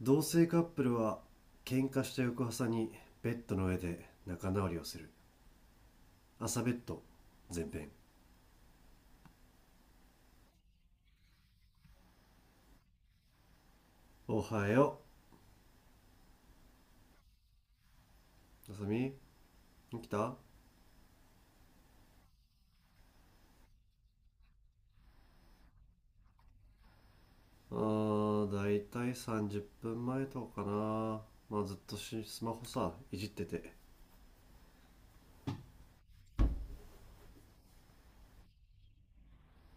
同性カップルは喧嘩した翌朝にベッドの上で仲直りをする朝ベッド前編。おはよう、あさみ、起きた？だいたい30分前とかかな。まあずっとスマホいじってて。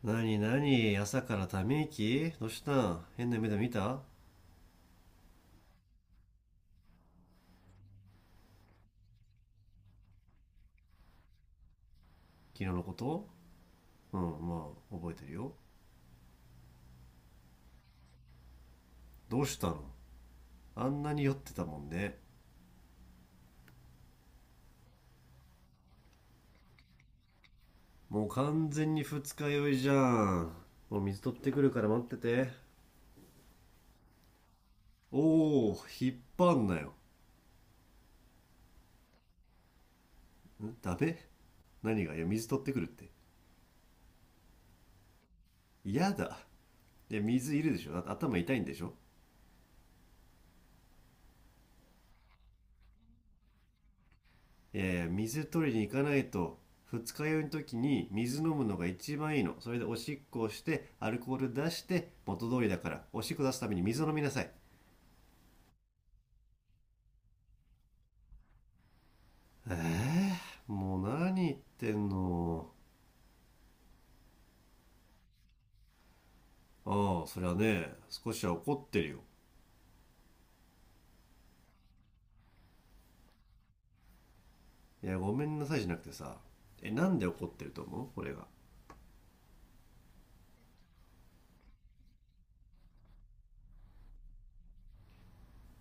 なになに、朝からため息どうしたん？変な目で見た？昨日のこと？うん、まあ覚えてるよ。どうしたの？あんなに酔ってたもんね。もう完全に二日酔いじゃん。もう水取ってくるから待ってて。おお、引っ張んなよ。んダメ？何がいや、水取ってくるって。嫌だ。いや、水いるでしょ、だって頭痛いんでしょ？いやいや、水取りに行かないと、二日酔いの時に水飲むのが一番いいの。それでおしっこをして、アルコール出して、元通りだから、おしっこ出すために水を飲みなさい。ええー、もう何言ってんの。ああ、そりゃね、少しは怒ってるよ。いや、ごめんなさいじゃなくてさ、なんで怒ってると思う、俺が？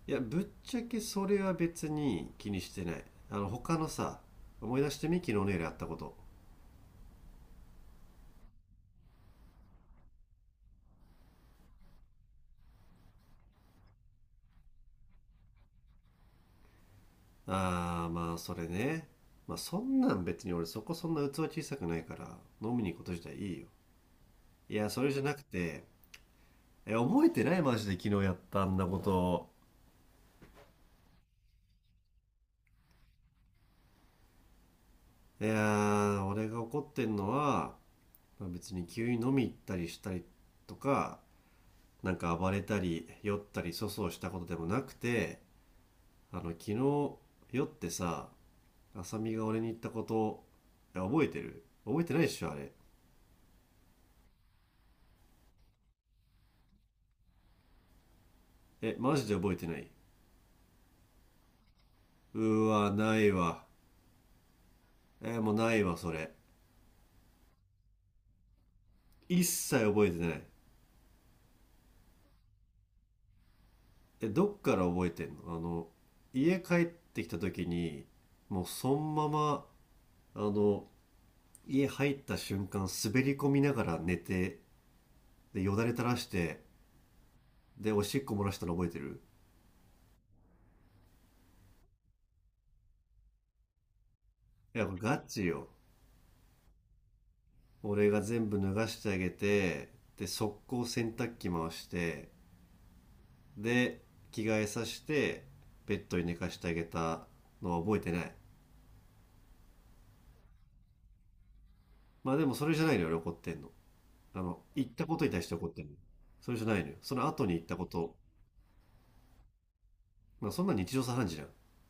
いや、ぶっちゃけそれは別に気にしてない。他のさ、思い出してみ、昨日の夜やったこと。あー、まあそれね。まあそんなん別に俺そこそんな器小さくないから、飲みに行くこと自体いいよ。いや、それじゃなくて。え、覚えてない？マジで昨日やったあんなこと。いやー、俺が怒ってんのは、まあ別に急に飲み行ったりしたりとか、なんか暴れたり酔ったり粗相したことでもなくて、昨日酔ってさ、浅見が俺に言ったこと。いや、覚えてる？覚えてないっしょあれ。えマジで覚えてない？うわないわ。えもうないわそれ。一切覚えてない？え、どっから覚えてんの？家帰ってきた時に、もうそのまま、あの家入った瞬間滑り込みながら寝て、でよだれ垂らして、でおしっこ漏らしたの覚えてる？やっぱガチよ。俺が全部脱がしてあげて、で、速攻洗濯機回して、で、着替えさせて、ベッドに寝かしてあげたのは覚えてない。まあでもそれじゃないのよ、俺怒ってんの。あの、言ったことに対して怒ってんの。それじゃないのよ。その後に言ったこと。まあそんな日常茶飯事じゃん。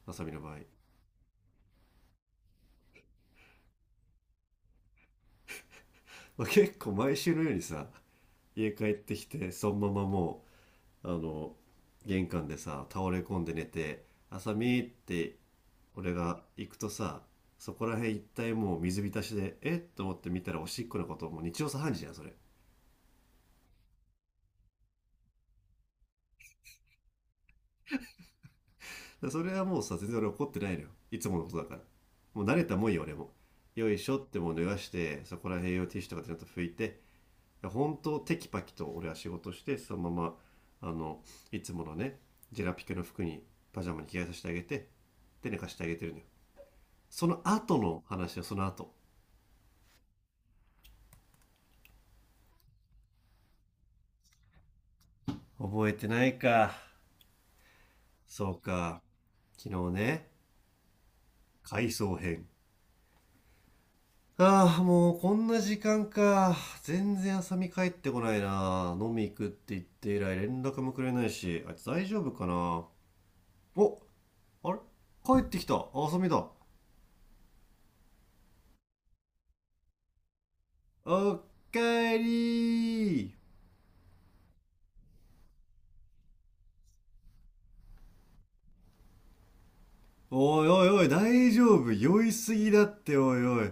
あさみの場合。まあ、結構毎週のようにさ、家帰ってきて、そのままもう、あの、玄関でさ、倒れ込んで寝て、あさみって俺が行くとさ、そこら辺一帯もう水浸しで、えっと思って見たらおしっこのこと、もう日常茶飯事じゃんそれ。それはもうさ、全然俺怒ってないのよ、いつものことだから。もう慣れたもんよ俺も。よいしょって、もう脱がしてそこら辺用ティッシュとかでちゃんと拭いて、本当テキパキと俺は仕事して、そのままあのいつものね、ジェラピケの服に、パジャマに着替えさせてあげて、で寝かしてあげてるのよ。その後の話はその後。覚えてないか。そうか。昨日ね。回想編。ああ、もうこんな時間か。全然浅見帰ってこないな。飲み行くって言って以来連絡もくれないし、あいつ大丈夫かな。お、あれ、帰ってきた。あ浅みだ。おかえりー。おいおいおい、大丈夫？酔いすぎだって、おいおい。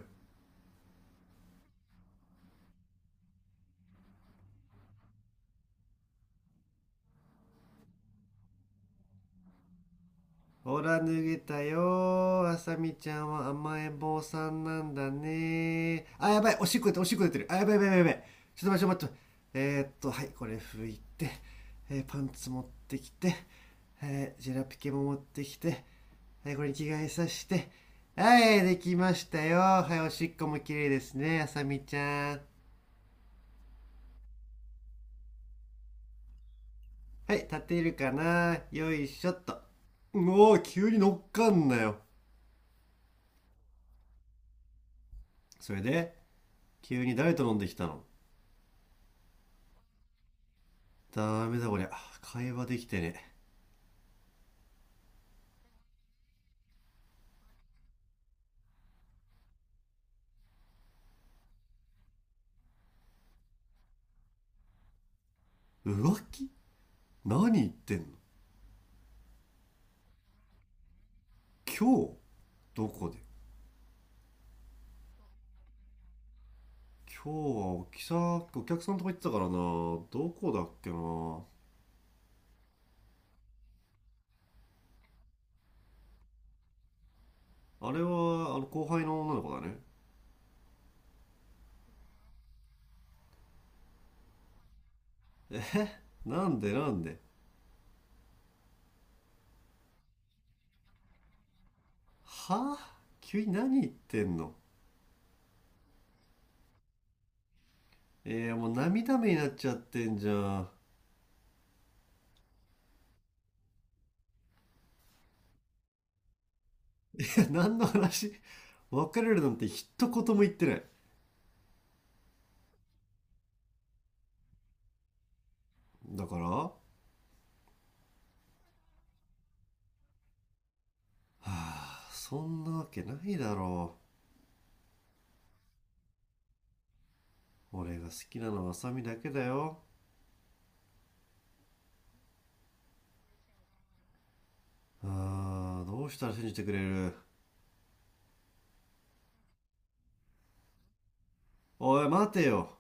ほら脱げたよ。あさみちゃんは甘えん坊さんなんだね。あやばい、おしっこ出てる、おしっこ出てる、あやばいやばいやばいやばい。ちょっと待って、ちょっと待って。はいこれ拭いて、パンツ持ってきて、ジェラピケも持ってきて、はい、これに着替えさせて、はいできましたよ。はいおしっこも綺麗ですねあさみちゃん。はい立てるかな、よいしょっと。もうおー、急に乗っかんなよ。それで急に誰と飲んできたの？ダメだこりゃ。会話できてねえ。浮気？何言ってんの？今日どこで？今日はおきさ、お客さんとか行ってたからな。どこだっけな。あれは、あの後輩の女の子だね。え、なんでなんで？はぁ、急に何言ってんの。えー、もう涙目になっちゃってんじゃん。いや、何の話？別れるなんて一言も言ってない。だからはぁ、そんなわけないだろう。俺が好きなのは麻美だけだよ。あー、どうしたら信じてくれる？おい、待てよ。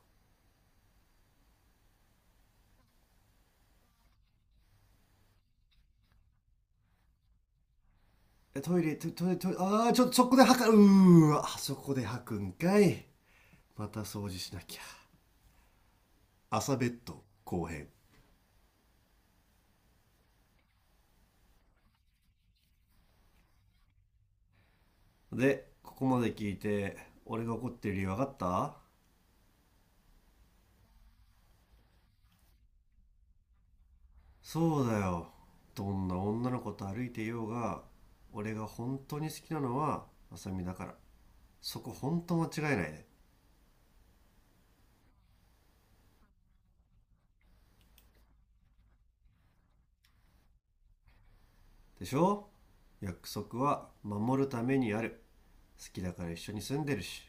え、トイレ、トイレトイレ、トイレ、あー、ちょっとそこで吐か、うーわ、あそこで吐くんかい。また掃除しなきゃ。朝ベッド後編。で、ここまで聞いて、俺が怒ってる理由分かった？そうだよ。どんな女の子と歩いていようが、俺が本当に好きなのは、麻美だから。そこ本当間違いないね。ででしょ。約束は守るためにある。好きだから一緒に住んでるし。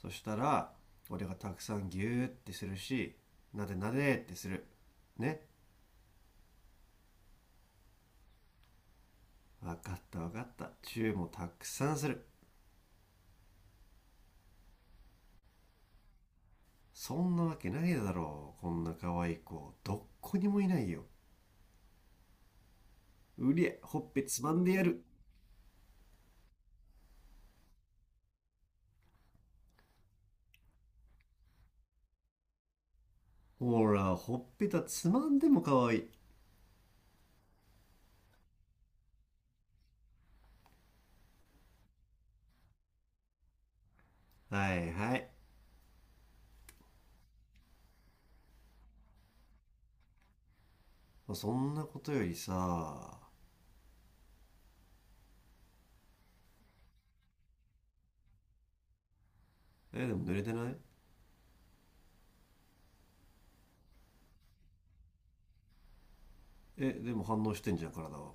そしたら俺がたくさんギューってするし、なでなでってするね。わかったわかった、チューもたくさんする。そんなわけないだろう、こんな可愛い子どっこにもいないよ。うりゃ、ほっぺつまんでやる。ほら、ほっぺたつまんでも可愛い。はいはい。そんなことよりさ、えでも濡れてない？えでも反応してんじゃん体は。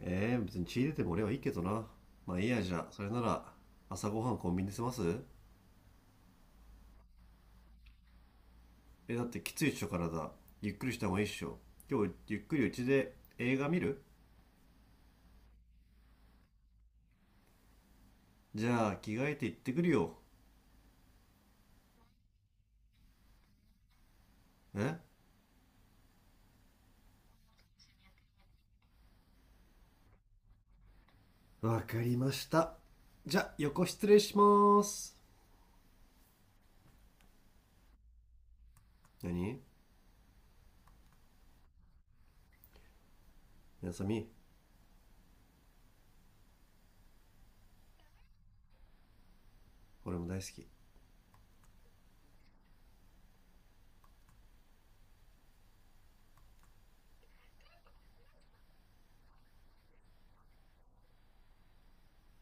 えー、別に血出ても俺はいいけどな。まあいいやじゃあ、それなら朝ごはんコンビニで済ます。え、だってきついっしょ体。ゆっくりした方がいいっしょ。今日ゆっくりうちで映画見る？じゃあ着替えて行ってくるよ。えわかりました。じゃあ横失礼しまーす。何、やさみ、俺も大好き。